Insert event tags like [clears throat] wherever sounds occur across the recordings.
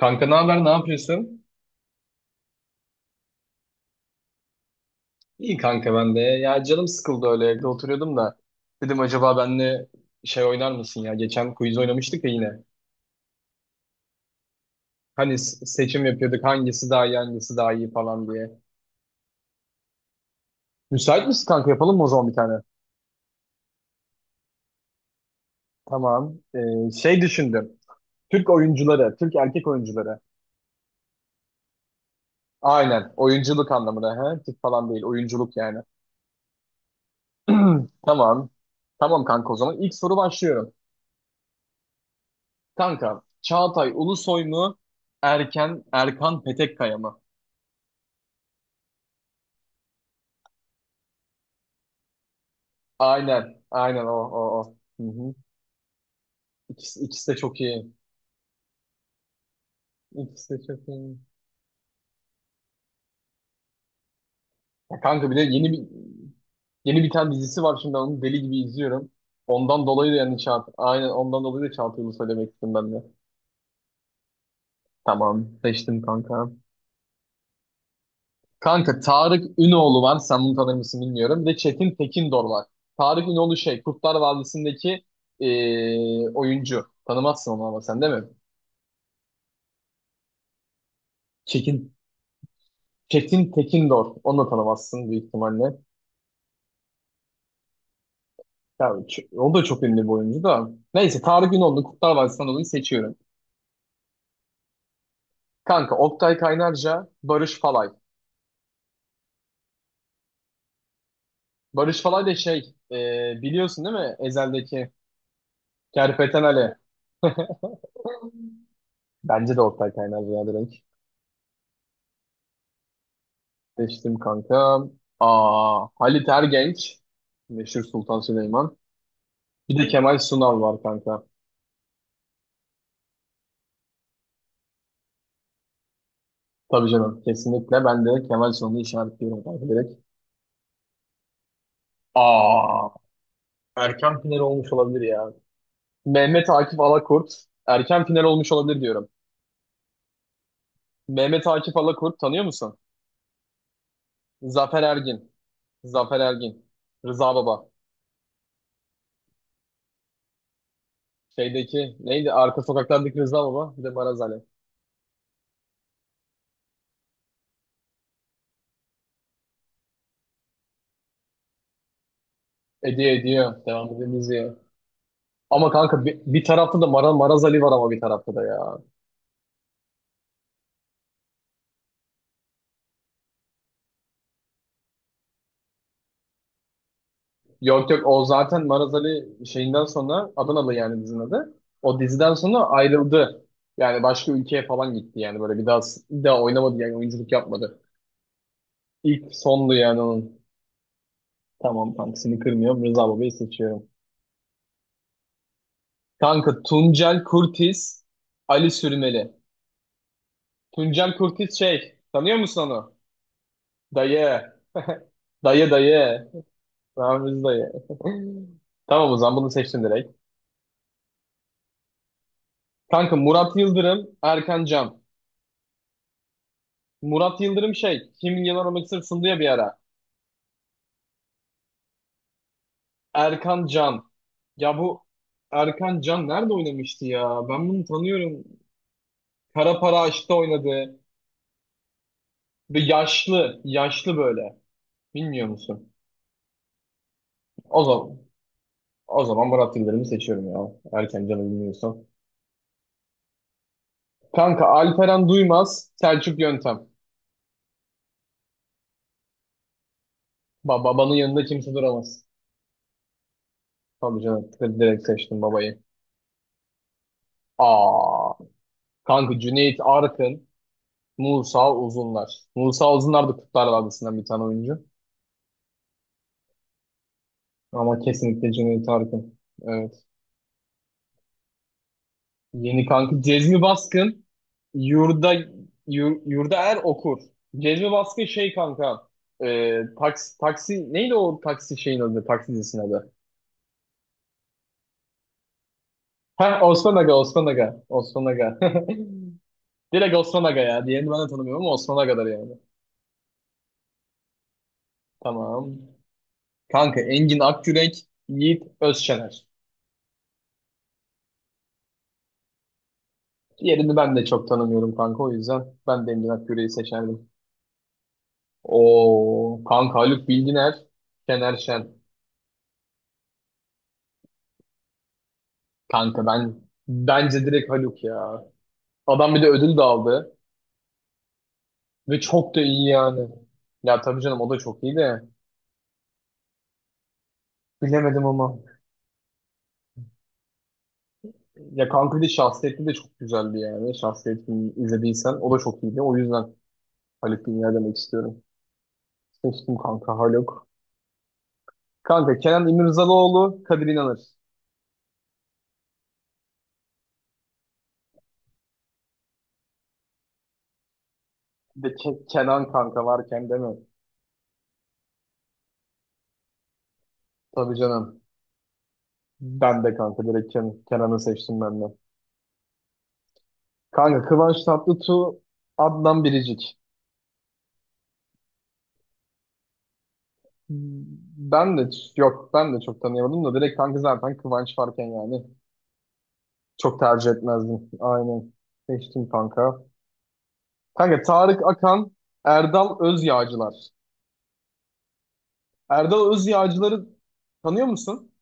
Kanka ne haber, ne yapıyorsun? İyi kanka ben de. Ya canım sıkıldı öyle evde oturuyordum da. Dedim acaba benle şey oynar mısın ya? Geçen quiz oynamıştık ya yine. Hani seçim yapıyorduk hangisi daha iyi hangisi daha iyi falan diye. Müsait misin kanka yapalım mı o zaman bir tane? Tamam. Şey düşündüm. Türk oyuncuları, Türk erkek oyuncuları. Aynen oyunculuk anlamında. He? Türk falan değil oyunculuk yani. [clears throat] Tamam. Tamam kanka o zaman İlk soru başlıyorum. Kanka, Çağatay Ulusoy mu? Erkan Petekkaya mı? Aynen, aynen o. Hı hı. İkisi de çok iyi. İkisi de çok iyi. Ya kanka bir de yeni bir tane dizisi var şimdi ben onu deli gibi izliyorum. Ondan dolayı da yani Çağatay, aynen ondan dolayı da Çağatay Ulusoy demek istedim ben de. Tamam, seçtim kanka. Kanka Tarık Ünoğlu var. Sen bunu tanır mısın bilmiyorum. Bir de Çetin Tekindor var. Tarık Ünoğlu şey Kurtlar Vadisi'ndeki oyuncu. Tanımazsın onu ama sen değil mi? Çetin. Çetin Tekindor. Onu da tanımazsın büyük ihtimalle. Ya, o da çok ünlü bir oyuncu da. Neyse Tarık Ünoğlu Kurtlar Vadisi'nden dolayı seçiyorum. Kanka Oktay Kaynarca, Barış Falay. Barış Falay da şey, biliyorsun değil mi? Ezel'deki Kerpeten Ali. Bence de Oktay Kaynarca ya direkt. Seçtim kanka. Aa, Halit Ergenç. Meşhur Sultan Süleyman. Bir de Kemal Sunal var kanka. Tabii canım. Kesinlikle ben de Kemal Sunal'ı işaretliyorum kanka direkt. Aa, erken final olmuş olabilir ya. Mehmet Akif Alakurt. Erken final olmuş olabilir diyorum. Mehmet Akif Alakurt tanıyor musun? Zafer Ergin. Zafer Ergin. Rıza Baba. Şeydeki neydi? Arka sokaklardaki Rıza Baba. Bir de Maraz Ali. Ediyor ediyor. Devam edelim. Ama kanka bir tarafta da Maraz Ali var ama bir tarafta da ya. Yok yok o zaten Maraz Ali şeyinden sonra Adanalı yani dizinin adı. O diziden sonra ayrıldı. Yani başka ülkeye falan gitti yani böyle bir daha oynamadı yani oyunculuk yapmadı. İlk sondu yani onun. Tamam kanka seni kırmıyorum Rıza Baba'yı seçiyorum. Kanka Tuncel Kurtiz, Ali Sürmeli. Tuncel Kurtiz şey tanıyor musun onu? Dayı, dayı. Ramiz dayı. [laughs] Tamam o zaman bunu seçtim direkt. Kanka Murat Yıldırım, Erkan Can. Murat Yıldırım şey, Kim Milyoner Olmak İster sundu ya bir ara. Erkan Can. Ya bu Erkan Can nerede oynamıştı ya? Ben bunu tanıyorum. Kara Para Aşk'ta oynadı. Bir yaşlı böyle. Bilmiyor musun? O zaman, O zaman Murat Yıldırım'ı seçiyorum ya. Erkan Can'ı bilmiyorsam. Kanka Alperen Duymaz, Selçuk Yöntem. Babanın yanında kimse duramaz. Tabii canım, direkt seçtim babayı. Aa, kanka Cüneyt Arkın. Musa Uzunlar. Musa Uzunlar da Kurtlar Vadisi'nden bir tane oyuncu. Ama kesinlikle Cüneyt Arkın. Evet. Yeni kanka Cezmi Baskın Yurda Yurda Er okur. Cezmi Baskın şey kanka taksi neydi o taksi şeyin adı taksi dizisinin adı. Ha Osman Aga. [laughs] Direkt Osman Aga ya. Diğerini ben de tanımıyorum ama Osman Aga'dır yani. Tamam. Kanka Engin Akgürek Yiğit Özşener. Diğerini ben de çok tanımıyorum kanka o yüzden ben de Emre Akgüre'yi seçerdim. O kanka Haluk Bilginer, Şener Şen. Kanka bence direkt Haluk ya. Adam bir de ödül de aldı ve çok da iyi yani. Ya tabii canım o da çok iyi de bilemedim ama. Ya kanka bir de şahsiyetli de çok güzeldi yani. Şahsiyetini izlediysen o da çok iyiydi. O yüzden Haluk Bilginer demek istiyorum. Seçtim kanka Haluk. Kanka Kenan İmirzalıoğlu, Kadir İnanır. Bir de Kenan kanka varken değil mi? Tabii canım. Ben de kanka direkt Kenan'ı seçtim ben de. Kanka Kıvanç Tatlıtuğ, Adnan Biricik. Ben de Yok ben de çok tanıyamadım da direkt kanka zaten Kıvanç varken yani çok tercih etmezdim. Aynen seçtim kanka. Kanka Tarık Akan, Erdal Özyağcılar. Erdal Özyağcıları tanıyor musun?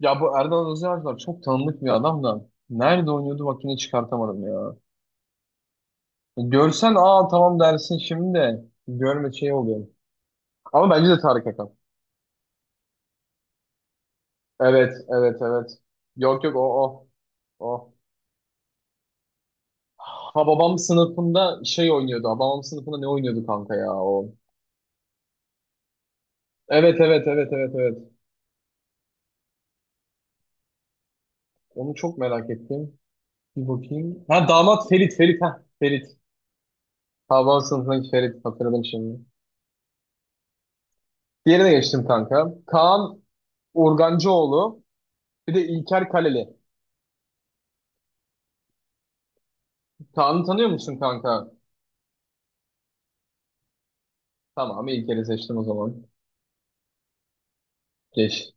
Ya bu Erdal Özyağcılar çok tanınık bir adam da. Nerede oynuyordu bak yine çıkartamadım ya. Görsen aa tamam dersin şimdi de görme şey oluyor. Ama bence de Tarık Akan. Evet. Yok yok o. O. Ha babam sınıfında şey oynuyordu. Ha, babam sınıfında ne oynuyordu kanka ya o. Evet. Onu çok merak ettim. Bir bakayım. Ha damat Ferit ha. Ferit. Ha babam sınıfındaki Ferit hatırladım şimdi. Diğerine geçtim kanka. Kaan Urgancıoğlu. Bir de İlker Kaleli. Kaan'ı tanıyor musun kanka? Tamam İlker'i seçtim o zaman. Geç.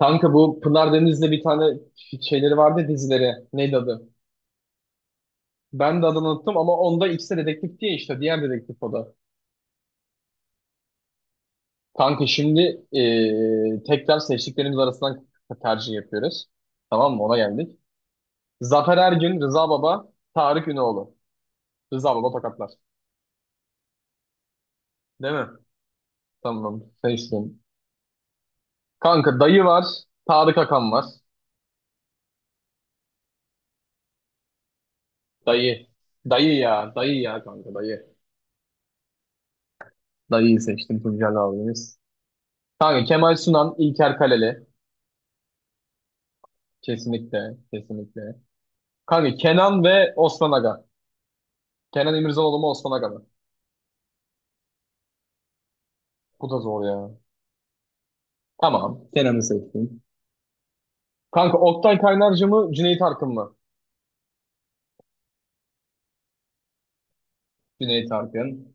Kanka bu Pınar Deniz'le bir tane şeyleri vardı ya, dizileri. Neydi adı? Ben de adını unuttum ama onda ikisi de dedektif diye işte. Diğer dedektif o da. Kanka şimdi tekrar seçtiklerimiz arasından tercih yapıyoruz. Tamam mı? Ona geldik. Zafer Ergün, Rıza Baba, Tarık Ünoğlu. Rıza Baba tokatlar. Değil mi? Tamam. Seçtim. Kanka dayı var. Tarık Akan var. Dayı. Dayı ya. Dayı ya kanka dayı. Dayıyı seçtim Tuncel abimiz. Kanka Kemal Sunan, İlker Kaleli. Kesinlikle, kesinlikle. Kanka Kenan ve Osman Aga. Kenan İmirzalıoğlu mu Osman Aga mı? Bu da zor ya. Tamam. Kenan'ı seçtim. Kanka Oktay Kaynarca mı Cüneyt Arkın mı? Cüneyt Arkın.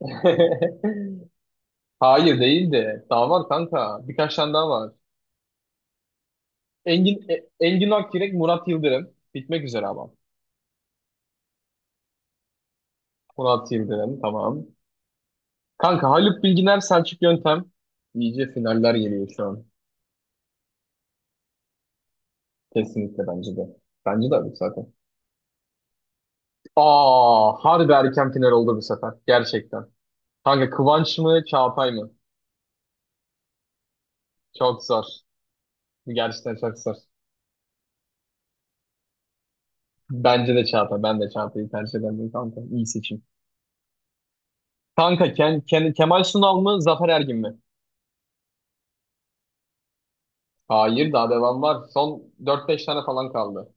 [laughs] Hayır değil de. Daha var kanka. Birkaç tane daha var. Engin Akyürek, Murat Yıldırım. Bitmek üzere ama. Murat Yıldırım tamam. Kanka Haluk Bilginer, Selçuk Yöntem. İyice finaller geliyor şu an. Kesinlikle bence de. Bence de abi zaten. Aa, harbi erken final oldu bu sefer. Gerçekten. Kanka Kıvanç mı Çağatay mı? Çok zor. Gerçekten çok zor. Bence de Çağatay. Ben de Çağatay'ı tercih ederim kanka. İyi seçim. Kanka Kemal Sunal mı Zafer Ergin mi? Hayır daha devam var. Son dört beş tane falan kaldı.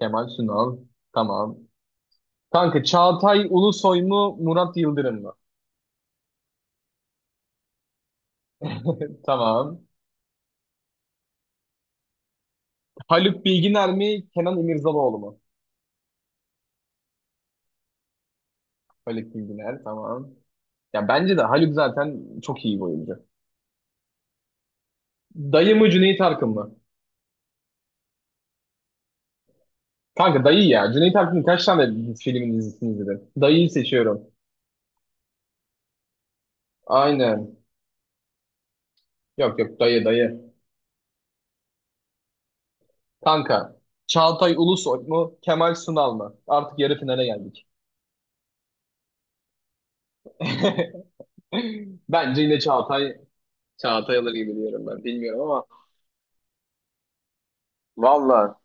Kemal Sunal. Tamam. Kanka Çağatay Ulusoy mu Murat Yıldırım mı? Tamam. Haluk Bilginer mi Kenan İmirzalıoğlu mu? Haluk Bilginer tamam. Ya bence de Haluk zaten çok iyi bir oyuncu. Dayı mı Cüneyt Arkın mı? Kanka dayı ya. Cüneyt Arkın kaç tane filmin dizisini izledin? Dayıyı seçiyorum. Aynen. Yok yok dayı. Kanka Çağatay Ulusoy mu Kemal Sunal mı? Artık yarı finale geldik. [laughs] Bence yine Çağatay alır gibi diyorum ben. Bilmiyorum ama. Vallahi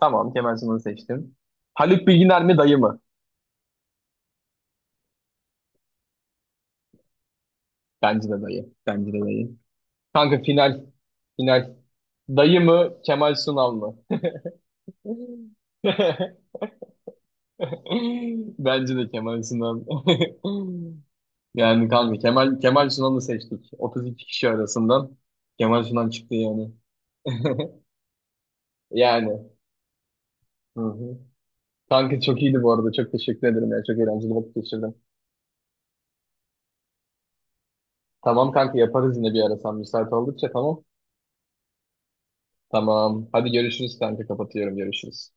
tamam Kemal Sunal'ı seçtim. Haluk Bilginer mi dayı mı? Bence de dayı. Kanka final. Final. Dayı mı Kemal Sunal mı? [laughs] [laughs] Bence de Kemal Sinan. [laughs] Yani kanka Kemal Sunan'ı seçtik. 32 kişi arasından Kemal Sunan çıktı yani. [laughs] Yani. Hı hı. Kanka çok iyiydi bu arada. Çok teşekkür ederim ya. Çok eğlenceli vakit geçirdim. Tamam kanka yaparız yine bir ara sen müsait oldukça tamam. Tamam. Hadi görüşürüz kanka kapatıyorum görüşürüz.